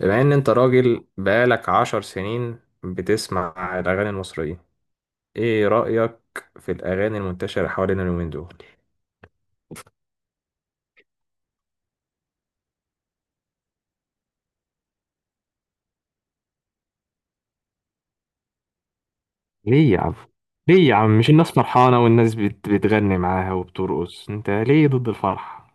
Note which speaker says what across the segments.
Speaker 1: بما ان انت راجل بقالك عشر سنين بتسمع الاغاني المصرية، ايه رأيك في الاغاني المنتشرة حوالينا اليومين دول؟ ليه يا عم ليه يا عم، مش الناس فرحانة والناس بتغني معاها وبترقص، انت ليه ضد الفرح؟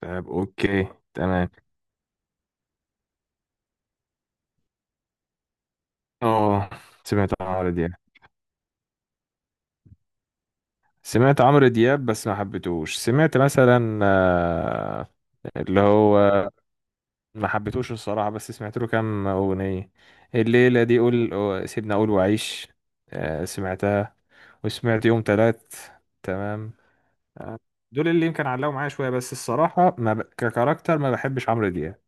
Speaker 1: طيب، اوكي. تمام. اه، سمعت عمرو دياب سمعت عمرو دياب بس ما حبيتهوش. سمعت مثلا اللي هو، ما حبيتوش الصراحة، بس سمعت له كام أغنية. الليلة دي، سيبنا أقول وعيش، آه، سمعتها. وسمعت يوم تلات. تمام. دول اللي يمكن علقوا معايا شوية، بس الصراحة ما ب... ككاركتر ما بحبش عمرو دياب.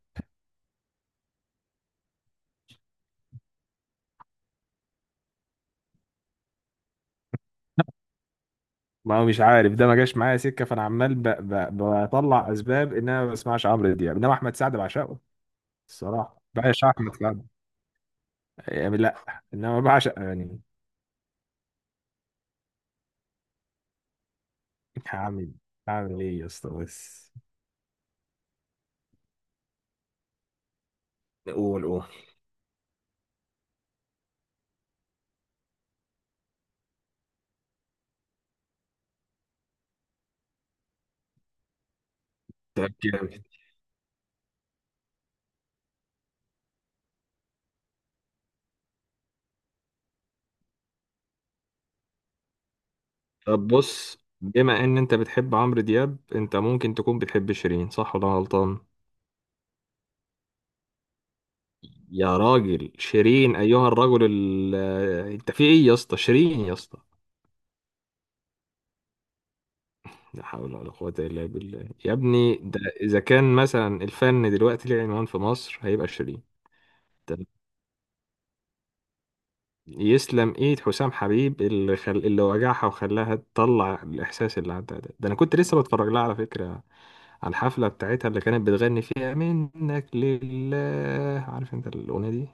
Speaker 1: ما هو مش عارف، ده ما جاش معايا سكة، فأنا عمال بطلع أسباب إن أنا ما بسمعش عمرو دياب، إنما أحمد سعد بعشقه. الصراحة بعشق أحمد سعد. يعني لأ، إنما بعشق يعني. هعمل هعمل إيه يا اسطى بس؟ قول قول. طب كام؟ طب بص، بما ان انت بتحب عمرو دياب، انت ممكن تكون بتحب شيرين، صح ولا أنا غلطان؟ يا راجل، شيرين! ايها الرجل ال... آه، انت في ايه يا اسطى؟ شيرين يا اسطى! لا حول ولا قوة الا بالله يا ابني، ده اذا كان مثلا الفن دلوقتي ليه عنوان في مصر هيبقى شيرين. يسلم ايد حسام حبيب اللي اللي وجعها وخلاها تطلع الاحساس اللي عندها، ده انا كنت لسه بتفرج لها على فكره، على الحفله بتاعتها اللي كانت بتغني فيها منك لله. عارف انت الاغنيه دي؟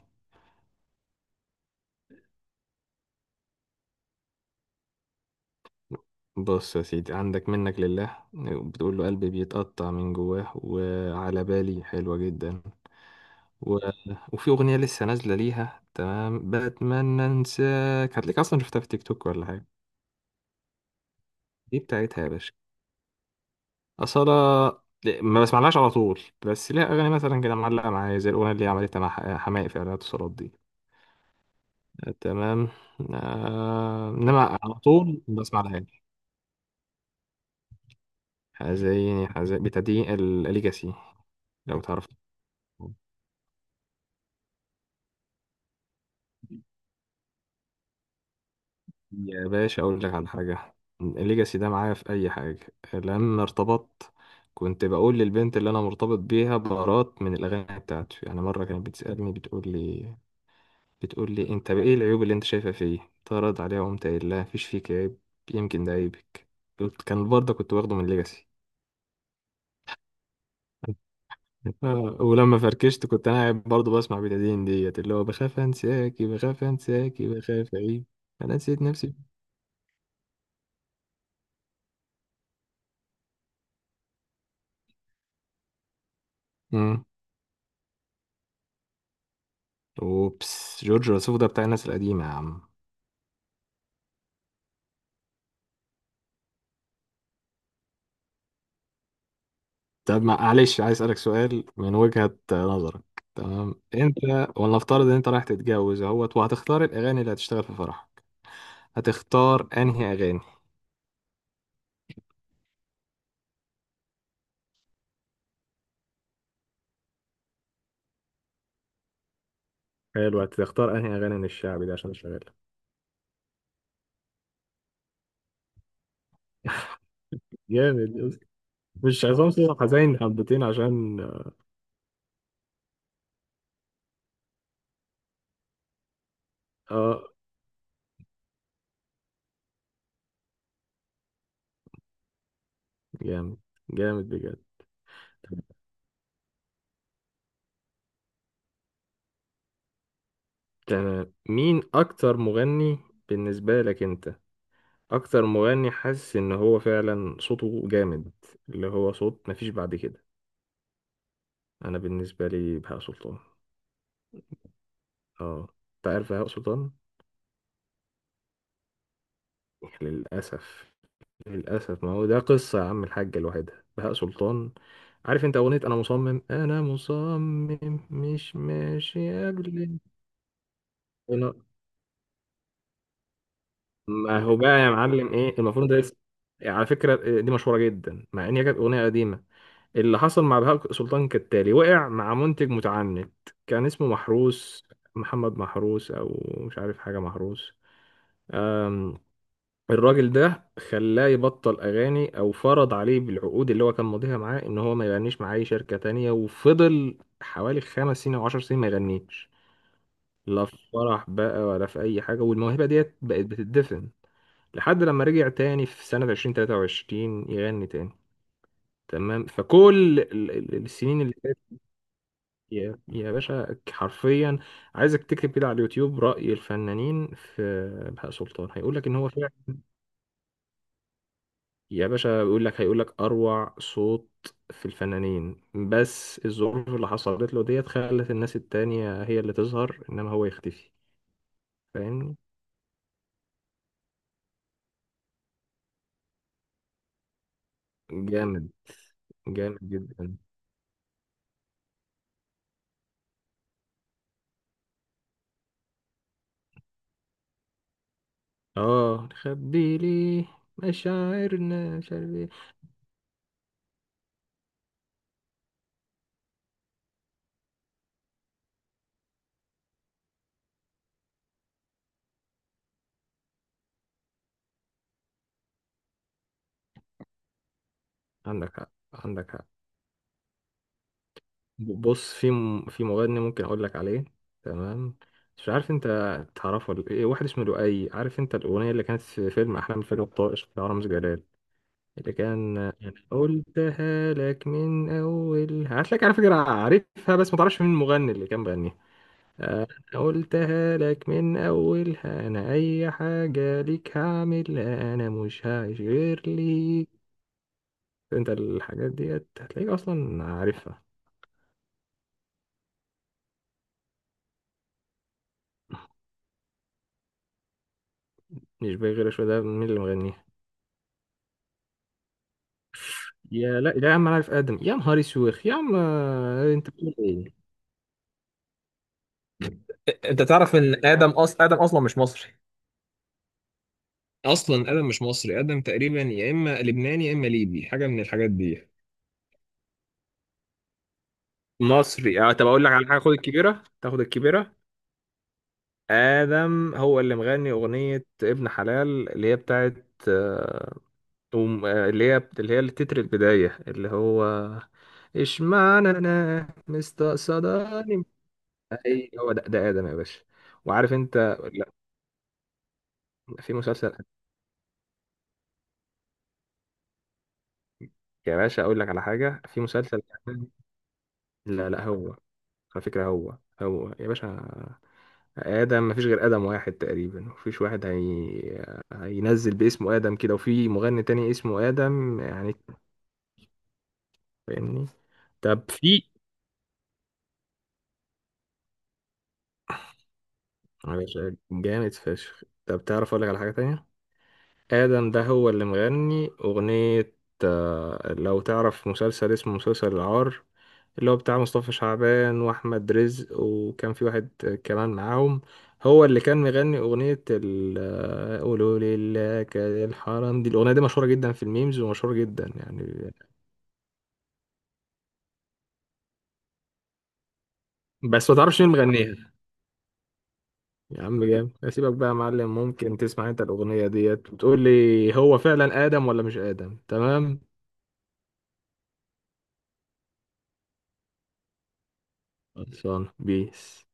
Speaker 1: بص يا سيدي، عندك منك لله، بتقول له قلبي بيتقطع من جواه، وعلى بالي حلوة جدا. و... وفي أغنية لسه نازلة ليها، تمام، بتمنى أنساك، هتلاقيك أصلا شفتها في تيك توك ولا حاجة. دي بتاعتها يا باشا. أصالة، ما بسمعلهاش على طول، بس ليها أغاني مثلا كده معلقة معايا، زي الأغنية اللي عملتها مع حماقي في إعلانات الصالات دي. آه، تمام. إنما على طول ما بسمعلهاش. حزيني؟ حزين بتدين الليجاسي لو تعرف. يا باشا أقول لك على حاجة، الليجاسي ده معايا في أي حاجة. لما ارتبطت، كنت بقول للبنت اللي أنا مرتبط بيها بارات من الأغاني بتاعته. يعني مرة كانت بتسألني، بتقول لي انت بقى ايه العيوب اللي انت شايفها فيه؟ اتعرض عليها، وقمت قايل لها مفيش فيك عيب، يمكن ده عيبك. كان برضه كنت واخده من ليجاسي. ولما فركشت كنت انا قاعد برضه بسمع بتادين ديت، اللي هو بخاف انساكي بخاف انساكي بخاف اعيب، انا نسيت نفسي. امم اوبس، جورج وسوف ده بتاع الناس القديمه يا عم. طب معلش، عايز اسالك سؤال من وجهه نظرك، تمام؟ انت، ولنفترض ان انت رايح تتجوز اهوت وهتختار الاغاني اللي هتشتغل في فرحك، هتختار انهي اغاني؟ حلو، هتختار انهي اغاني من الشعبي دي عشان اشغلها؟ جامد يا اسطى. مش عصام صاصا حزين حبتين عشان؟ اه. جامد. جامد بجد. تمام، مين اكتر مغني بالنسبة لك انت؟ اكتر مغني حاسس ان هو فعلا صوته جامد، اللي هو صوت مفيش بعد كده. انا بالنسبة لي بهاء سلطان. اه. انت عارف بهاء سلطان؟ للأسف. للأسف، ما هو ده قصة يا عم، الحاجة لوحدها بهاء سلطان. عارف انت أغنية أنا مصمم أنا مصمم مش ماشي قبل؟ أنا- ما هو بقى يا معلم، إيه المفروض ده اسم؟ على فكرة دي مشهورة جدا، مع إن هي كانت أغنية قديمة. اللي حصل مع بهاء سلطان كالتالي، وقع مع منتج متعنت، كان اسمه محروس، محمد محروس أو مش عارف حاجة محروس. الراجل ده خلاه يبطل اغاني، او فرض عليه بالعقود اللي هو كان ماضيها معاه، ان هو ما يغنيش مع اي شركة تانية، وفضل حوالي خمس سنين او عشر سنين ما يغنيش. لا في فرح بقى، ولا في اي حاجة، والموهبة ديت بقت بتدفن، لحد لما رجع تاني في سنة 2023 يغني تاني. تمام، فكل السنين اللي فاتت، يا باشا حرفيا، عايزك تكتب كده على اليوتيوب رأي الفنانين في بهاء سلطان، هيقول لك ان هو، يا باشا بيقول لك، هيقول لك اروع صوت في الفنانين، بس الظروف اللي حصلت له ديت خلت الناس التانية هي اللي تظهر انما هو يختفي. فاهمني؟ جامد. جامد جدا. اه نخبي ليه، مشاعرنا مش عارف ايه. عندك حق، عندك حق. بص، في في مغني ممكن اقول لك عليه، تمام؟ مش عارف انت تعرفه ولا ايه، واحد اسمه لؤي. عارف انت الاغنيه اللي كانت في فيلم احلام، الفيلم الطائش بتاع رامز جلال، اللي كان انا قلتها لك من اول، هتلاقيك؟ على فكره عارفها بس ما تعرفش مين المغني اللي كان بيغنيها. انا قلتها لك من اولها، انا اي حاجه ليك هعملها، انا مش هعيش غير ليك. انت الحاجات ديت هتلاقيك اصلا عارفها. مش باقي غير شويه، ده مين اللي مغنيها؟ يا لا لا يا عم، انا عارف ادم، يا نهار اسوخ يا عم. انت بتقول ايه؟ انت تعرف ان ادم ادم اصلا مش مصري؟ اصلا ادم مش مصري. ادم تقريبا يا اما لبناني يا اما ليبي، حاجه من الحاجات دي. مصري؟ اه، طب اقول لك على حاجه، خد الكبيره، تاخد الكبيره. ادم هو اللي مغني اغنيه ابن حلال، اللي هي بتاعت آه، اللي هي اللي هي التتر البدايه، اللي هو، اشمعنى انا مستقصداني. اي هو ده ادم يا باشا. وعارف انت، لا، في مسلسل، يا باشا اقول لك على حاجه، في مسلسل. لا لا، هو، على فكره، هو هو يا باشا. آدم مفيش غير آدم واحد تقريبا، مفيش واحد هينزل باسمه آدم كده وفي مغني تاني اسمه آدم يعني. فاهمني؟ طب في، معلش، جامد فشخ. طب تعرف أقول لك على حاجة تانية، آدم ده هو اللي مغني أغنية لو تعرف مسلسل اسمه مسلسل العار، اللي هو بتاع مصطفى شعبان واحمد رزق، وكان في واحد كمان معاهم، هو اللي كان مغني اغنيه قولوا لله كده الحرام، دي الاغنيه دي مشهوره جدا في الميمز، ومشهوره جدا يعني، بس ما تعرفش مين مغنيها. يا عم جامد، اسيبك بقى يا معلم، ممكن تسمع انت الاغنيه ديت وتقول لي هو فعلا ادم ولا مش ادم، تمام؟ خلصان بيس.